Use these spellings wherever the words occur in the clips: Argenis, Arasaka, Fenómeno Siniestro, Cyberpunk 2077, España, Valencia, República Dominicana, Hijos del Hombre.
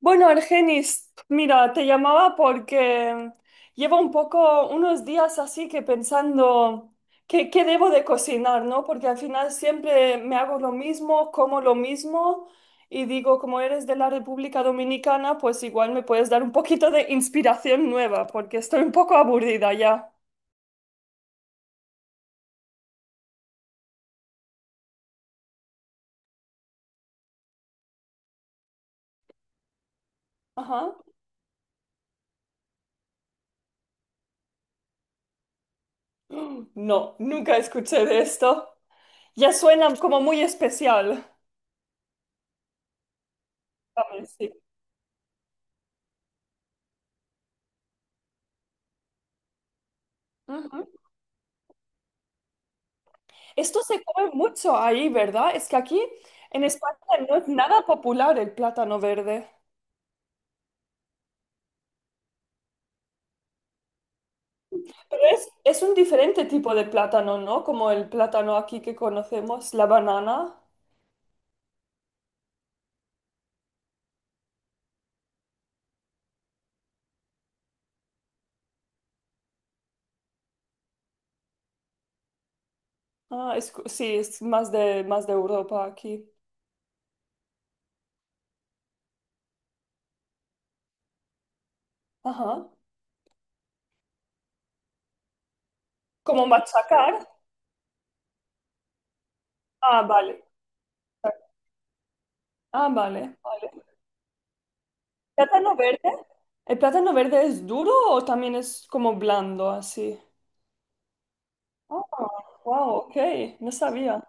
Bueno, Argenis, mira, te llamaba porque llevo un poco, unos días así que pensando qué debo de cocinar, ¿no? Porque al final siempre me hago lo mismo, como lo mismo y digo, como eres de la República Dominicana, pues igual me puedes dar un poquito de inspiración nueva, porque estoy un poco aburrida ya. Ajá. No, nunca escuché de esto. Ya suena como muy especial. ¿Sabes? Sí. Esto se come mucho ahí, ¿verdad? Es que aquí en España no es nada popular el plátano verde. Pero es un diferente tipo de plátano, ¿no? Como el plátano aquí que conocemos, la banana. Ah, es, sí, es más de Europa aquí. Ajá. Como machacar. Ah, vale. Ah, vale, vale. ¿Plátano verde? ¿El plátano verde es duro o también es como blando así? Ah, wow, ok, no sabía.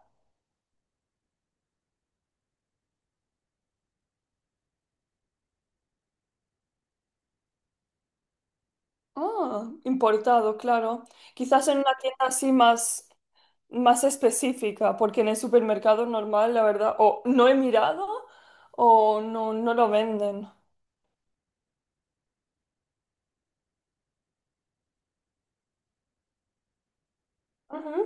Ah, importado, claro. Quizás en una tienda así más, más específica, porque en el supermercado normal, la verdad, o no he mirado o no, no lo venden. Ujú,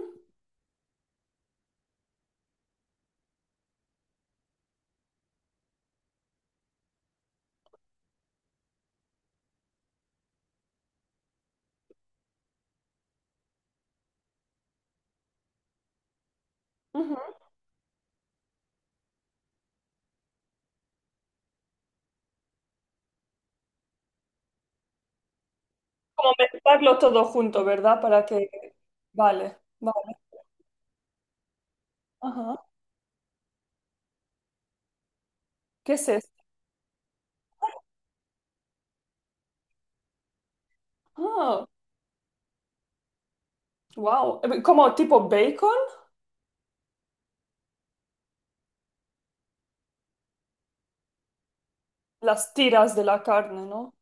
ujú. Como mezclarlo todo junto, ¿verdad? Para que... Vale, vale. Ajá. ¿Qué es esto? Ah, wow. Como tipo bacon, las tiras de la carne, ¿no?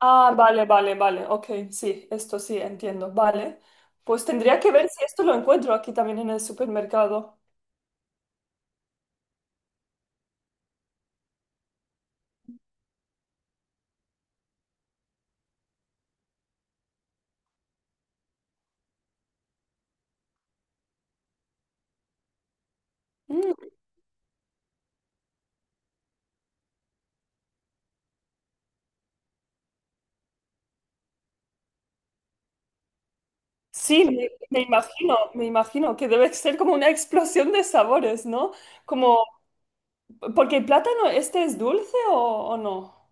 Ah, vale, vale, vale. Ok, sí, esto sí, entiendo. Vale. Pues tendría que ver si esto lo encuentro aquí también en el supermercado. Mm, sí, me imagino, me imagino que debe ser como una explosión de sabores, ¿no? Como, porque el plátano este es dulce o no.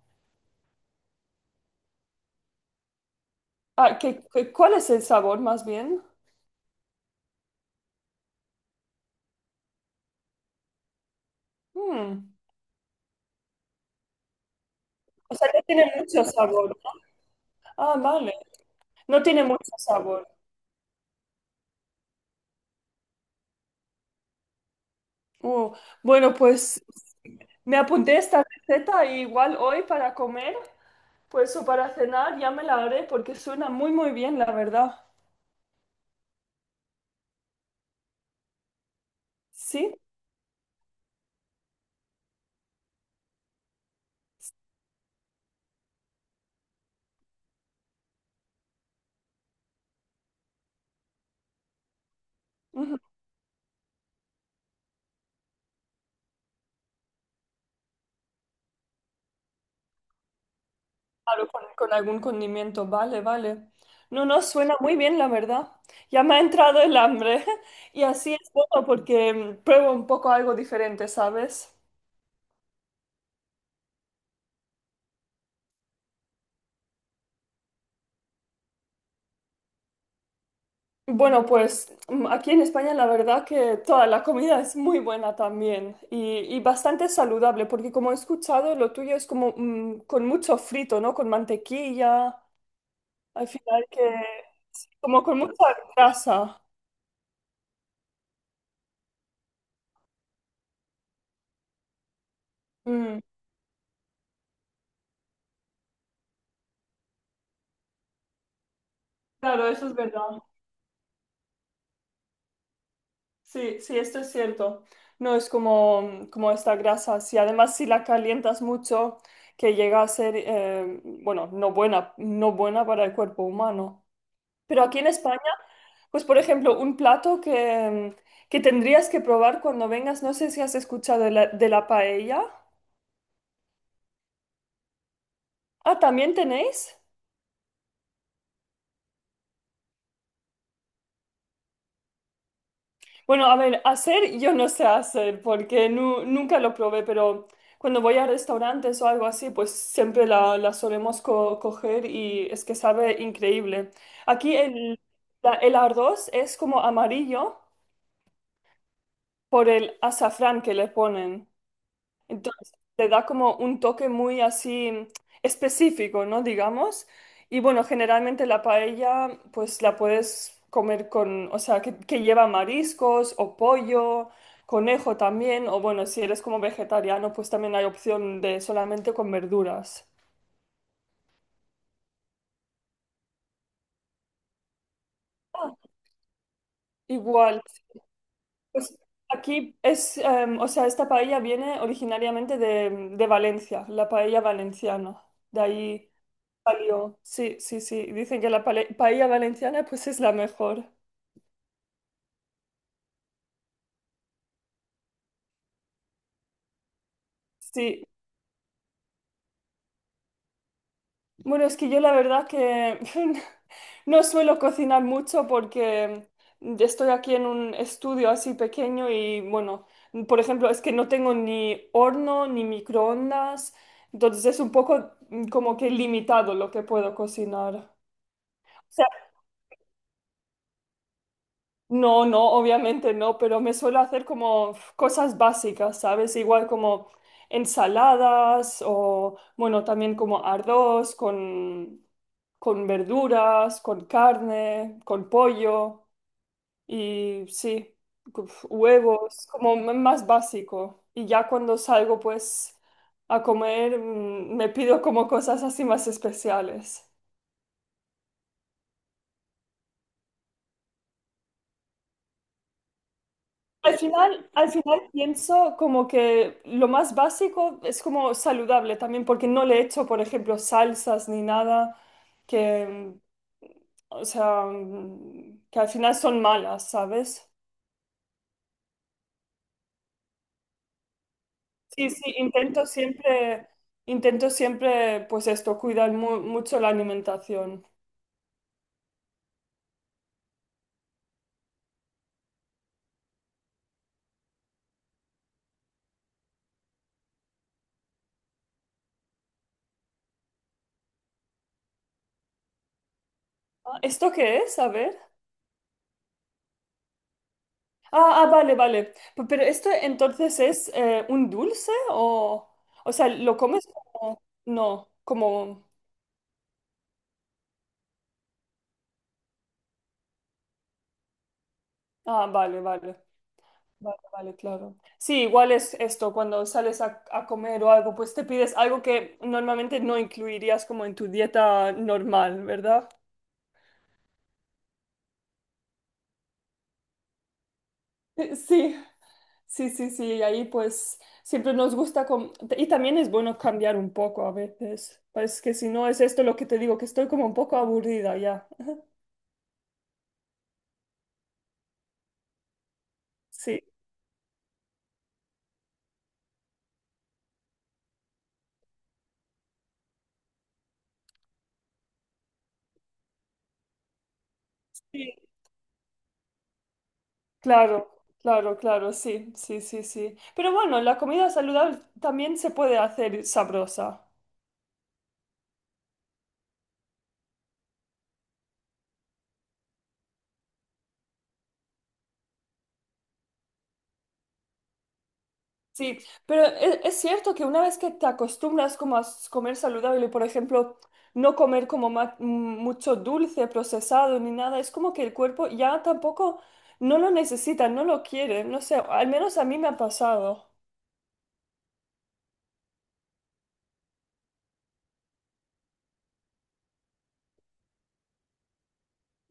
Ah, ¿ cuál es el sabor más bien? Mm, O sea, no tiene mucho sabor. Ah, vale. No tiene mucho sabor. Uh, bueno, pues me apunté esta receta igual hoy para comer. Pues eso para cenar ya me la haré porque suena muy muy bien, la verdad. ¿Sí? Ujú, claro, con algún condimento, vale, vale. No, no, suena muy bien, la verdad. Ya me ha entrado el hambre y así es bueno porque pruebo un poco algo diferente, ¿sabes? Bueno, pues aquí en España la verdad que toda la comida es muy buena también y bastante saludable porque como he escuchado, lo tuyo es como con mucho frito, ¿no? Con mantequilla. Al final que, como con mucha grasa. Mm, claro, eso es verdad. Sí, sí, esto es cierto. No es como, como esta grasa. Si además si la calientas mucho, que llega a ser, bueno, no buena, no buena para el cuerpo humano. Pero aquí en España, pues por ejemplo, que tendrías que probar cuando vengas, no sé si has escuchado de la paella. Ah, ¿también tenéis? Bueno, a ver, hacer yo no sé hacer porque nunca lo probé, pero cuando voy a restaurantes o algo así, pues siempre la, la solemos coger y es que sabe increíble. Aquí el, el arroz es como amarillo por el azafrán que le ponen. Entonces, te da como un toque muy así específico, ¿no? Digamos. Y bueno, generalmente la paella, pues la puedes comer con, o sea, que lleva mariscos o pollo, conejo también, o bueno, si eres como vegetariano, pues también hay opción de solamente con verduras. Ah, igual, pues aquí es, o sea, esta paella viene originariamente de Valencia, la paella valenciana. De ahí. Palio. Sí, sí, sí. Dicen que la paella valenciana pues es la mejor. Sí. Bueno, es que yo la verdad que no suelo cocinar mucho porque estoy aquí en un estudio así pequeño y bueno, por ejemplo, es que no tengo ni horno ni microondas, entonces es un poco como que limitado lo que puedo cocinar. No, no, obviamente no, pero me suelo hacer como cosas básicas, ¿sabes? Igual como ensaladas o, bueno, también como arroz con verduras, con carne, con pollo y sí, uf, huevos, como más básico. Y ya cuando salgo pues a comer, me pido como cosas así más especiales. Al final pienso como que lo más básico es como saludable también, porque no le echo, por ejemplo, salsas ni nada que, o sea, que al final son malas, ¿sabes? Sí, sí, intento siempre, pues esto, cuidar mucho la alimentación. Ah, ¿esto qué es? A ver. Ah, ah, vale, vale. Pero esto entonces es un dulce o sea, ¿lo comes como, no, como... Ah, vale, vale, vale, vale, claro. Sí, igual es esto, cuando sales a comer o algo, pues te pides algo que normalmente no incluirías como en tu dieta normal, ¿verdad? Sí, sí, sí, sí, y ahí pues siempre nos gusta, y también es bueno cambiar un poco a veces, pues que si no es esto lo que te digo, que estoy como un poco aburrida ya. Sí, sí, claro, claro, claro, sí, sí, sí, sí. Pero bueno, la comida saludable también se puede hacer sabrosa. Sí, pero es, cierto que una vez que te acostumbras como a comer saludable, por ejemplo, no comer como mucho dulce procesado ni nada, es como que el cuerpo ya tampoco no lo necesita, no lo quiere, no sé, al menos a mí me ha pasado.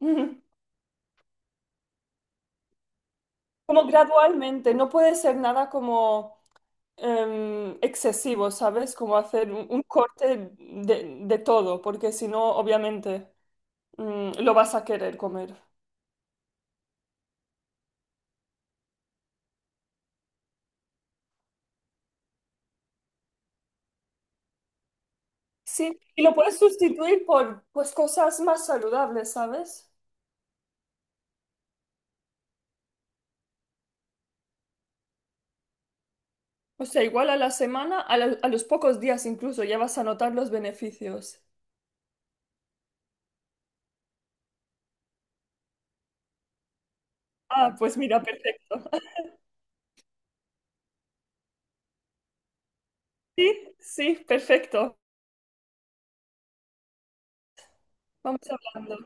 Ujú. Como gradualmente, no puede ser nada como excesivo, ¿sabes? Como hacer un corte de todo, porque si no, obviamente, lo vas a querer comer. Sí, y lo puedes sustituir por pues cosas más saludables, ¿sabes? O sea, igual a la semana, a los pocos días incluso, ya vas a notar los beneficios. Ah, pues mira, perfecto. Sí, sí, perfecto. Vamos hablando.